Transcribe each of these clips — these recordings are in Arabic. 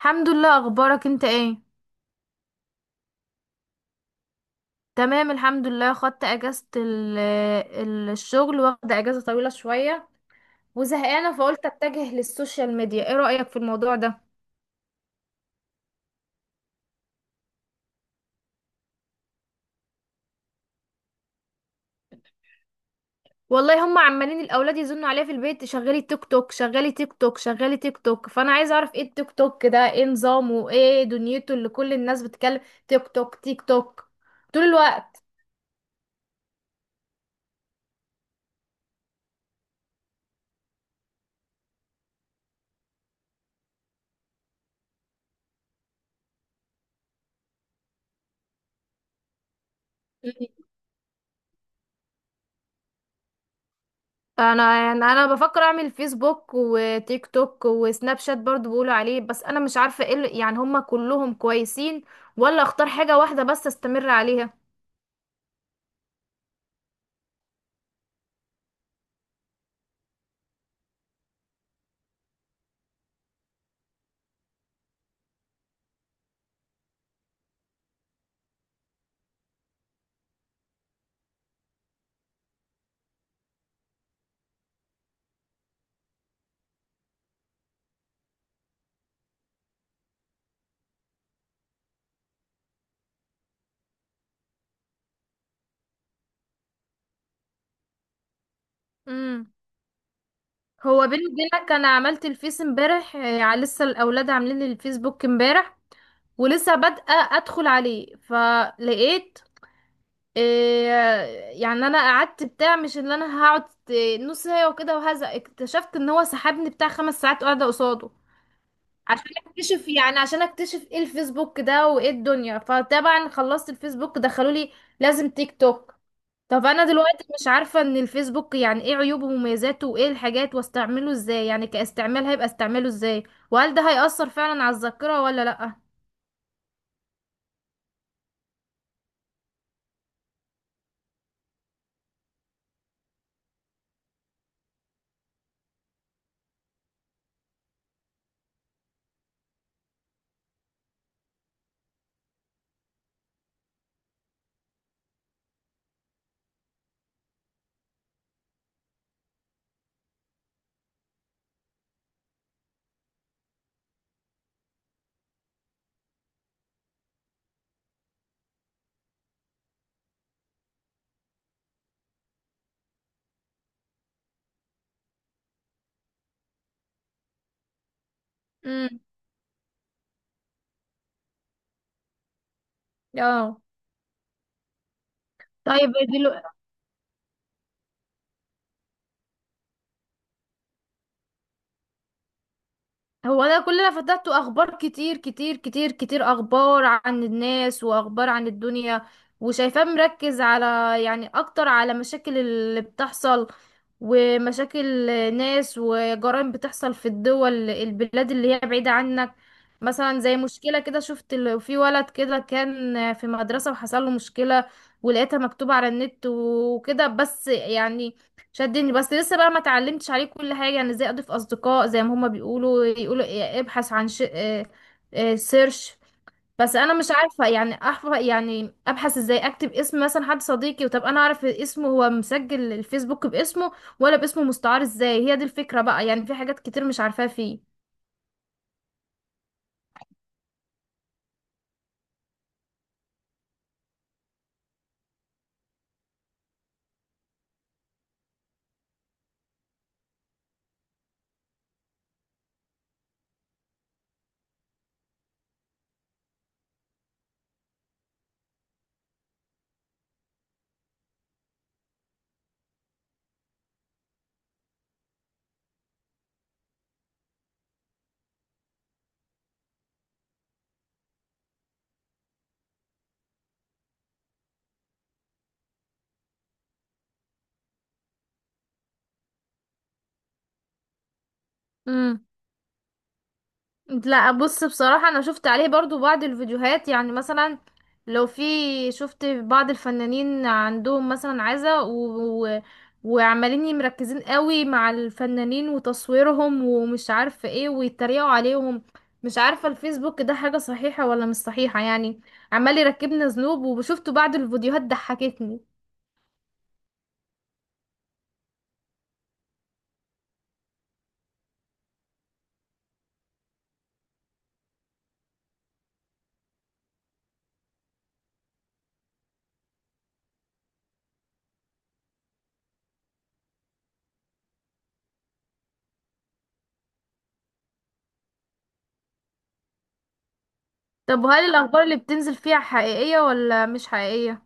الحمد لله، اخبارك انت ايه؟ تمام الحمد لله، خدت اجازة الشغل، واخدة اجازة طويلة شوية وزهقانة فقلت اتجه للسوشيال ميديا. ايه رأيك في الموضوع ده؟ والله هم عمالين الاولاد يزنوا عليا في البيت: شغلي تيك توك، شغلي تيك توك، شغلي تيك توك. فانا عايزة اعرف ايه التيك توك ده، ايه نظامه، ايه دنيته اللي كل الناس بتتكلم تيك توك تيك توك طول الوقت. انا يعني بفكر اعمل فيسبوك وتيك توك وسناب شات، برضو بيقولوا عليه. بس انا مش عارفه يعني هما كلهم كويسين، ولا اختار حاجه واحده بس استمر عليها؟ امم، هو بيني وبينك انا عملت الفيس امبارح، آه، يعني لسه الاولاد عاملين لي الفيسبوك امبارح ولسه بادئه ادخل عليه فلقيت، آه، يعني انا قعدت بتاع مش اللي انا هقعد، آه، نص ساعه وكده، وهذا اكتشفت ان هو سحبني بتاع خمس ساعات قاعده قصاده عشان اكتشف يعني عشان اكتشف ايه الفيسبوك ده وايه الدنيا. فطبعا خلصت الفيسبوك دخلوا لي لازم تيك توك. طب انا دلوقتي مش عارفة ان الفيسبوك يعني ايه عيوبه ومميزاته وايه الحاجات، واستعمله ازاي يعني، كاستعمال هيبقى استعماله ازاي؟ وهل ده هيأثر فعلا على الذاكرة ولا لأ؟ امم، اه، طيب هو انا كل اللي فتحته اخبار، كتير كتير كتير كتير اخبار عن الناس واخبار عن الدنيا، وشايفاه مركز على، يعني اكتر على مشاكل اللي بتحصل، ومشاكل ناس وجرائم بتحصل في الدول، البلاد اللي هي بعيدة عنك. مثلا زي مشكلة كده، شفت في ولد كده كان في مدرسة وحصل له مشكلة ولقيتها مكتوبة على النت وكده. بس يعني شدني. بس لسه بقى ما اتعلمتش عليه كل حاجة، يعني ازاي اضيف اصدقاء زي ما هما بيقولوا، يقولوا إيه، ابحث عن إيه، إيه، سيرش. بس انا مش عارفة يعني احفظ، يعني ابحث ازاي، اكتب اسم مثلا حد صديقي. وطب انا اعرف اسمه هو مسجل الفيسبوك باسمه ولا باسمه مستعار؟ ازاي، هي دي الفكرة بقى، يعني في حاجات كتير مش عارفاها فيه. امم، لا بص، بصراحة انا شفت عليه برضو بعض الفيديوهات، يعني مثلا لو في، شفت بعض الفنانين عندهم مثلا عزا وعمالين مركزين قوي مع الفنانين وتصويرهم ومش عارفة ايه، ويتريقوا عليهم. مش عارفة الفيسبوك ده حاجة صحيحة ولا مش صحيحة يعني، عمال يركبنا ذنوب. وشفت بعض الفيديوهات ضحكتني. طب وهل الاخبار اللي بتنزل فيها حقيقية ولا مش حقيقية؟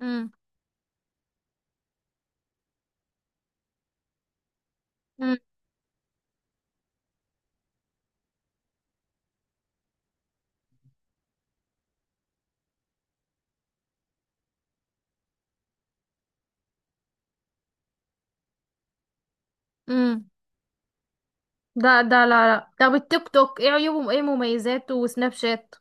امم، امم، ده لا، طب التيك توك ايه عيوبه وايه مميزاته، وسناب شات؟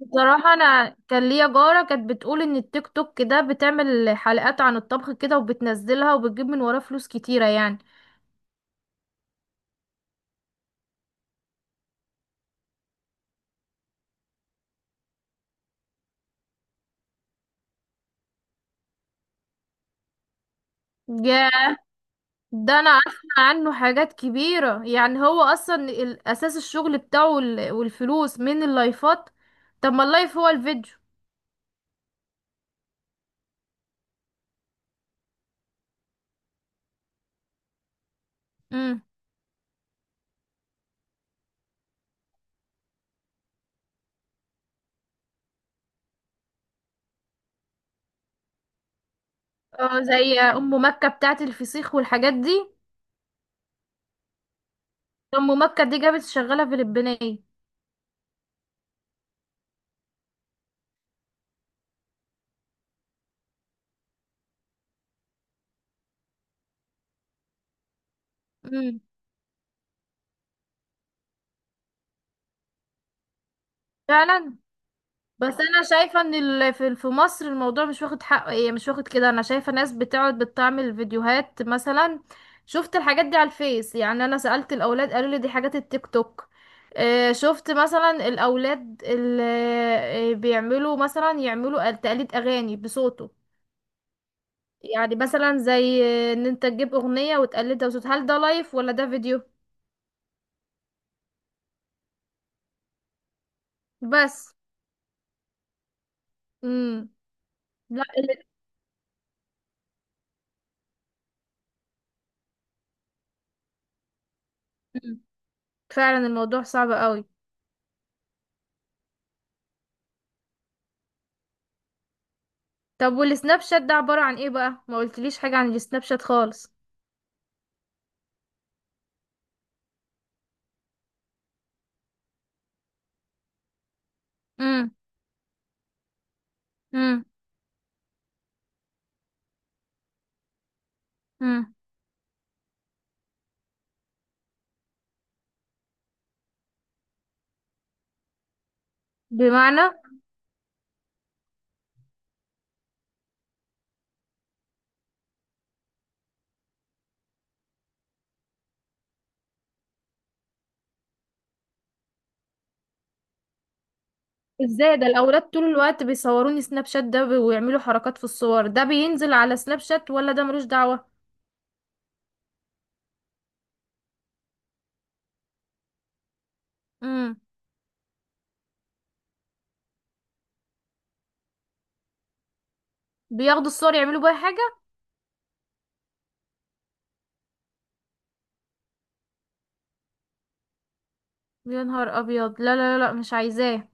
بصراحة انا كان ليا جارة كانت بتقول ان التيك توك ده بتعمل حلقات عن الطبخ كده وبتنزلها وبتجيب من وراه فلوس كتيرة يعني. يا ده انا اسمع عنه حاجات كبيرة يعني، هو اصلا اساس الشغل بتاعه والفلوس من اللايفات. طب ما اللايف هو الفيديو. امم، اه زي ام مكة بتاعت الفسيخ والحاجات دي. ام مكة دي جابت شغالة فلبينية. امم، فعلا. بس انا شايفه ان في في مصر الموضوع مش واخد حقه، ايه مش واخد كده. انا شايفه ناس بتقعد بتعمل فيديوهات، مثلا شفت الحاجات دي على الفيس، يعني انا سألت الاولاد قالوا لي دي حاجات التيك توك. آه، شفت مثلا الاولاد اللي بيعملوا مثلا يعملوا تقليد اغاني بصوته، يعني مثلا زي، آه، ان انت تجيب اغنيه وتقلدها بصوت، هل ده لايف ولا ده فيديو؟ بس، امم، لا مم. فعلا الموضوع صعب قوي. طب والسناب شات ده عبارة عن ايه بقى؟ ما قلتليش حاجة عن السناب شات خالص. امم، امم، امم، بمعنى، ازاي ده الاولاد طول الوقت بيصوروني سناب شات ده، ويعملوا حركات في الصور، ده بينزل على سناب شات ولا ده ملوش دعوة؟ امم، بياخدوا الصور يعملوا بيها حاجة؟ يا نهار ابيض، لا لا لا مش عايزاه،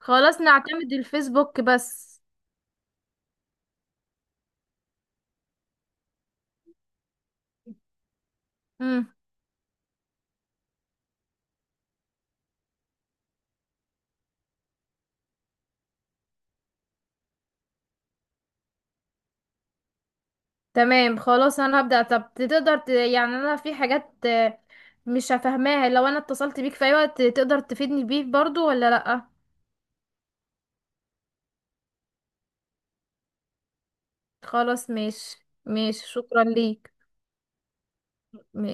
خلاص نعتمد الفيسبوك بس. امم، تمام خلاص انا هبدأ. طب تقدر يعني انا في حاجات، آه، مش هفهماها، لو انا اتصلت بيك في اي وقت تقدر تفيدني بيه برضو ولا لا؟ خلاص ماشي. ماشي، شكرا ليك. ماشي.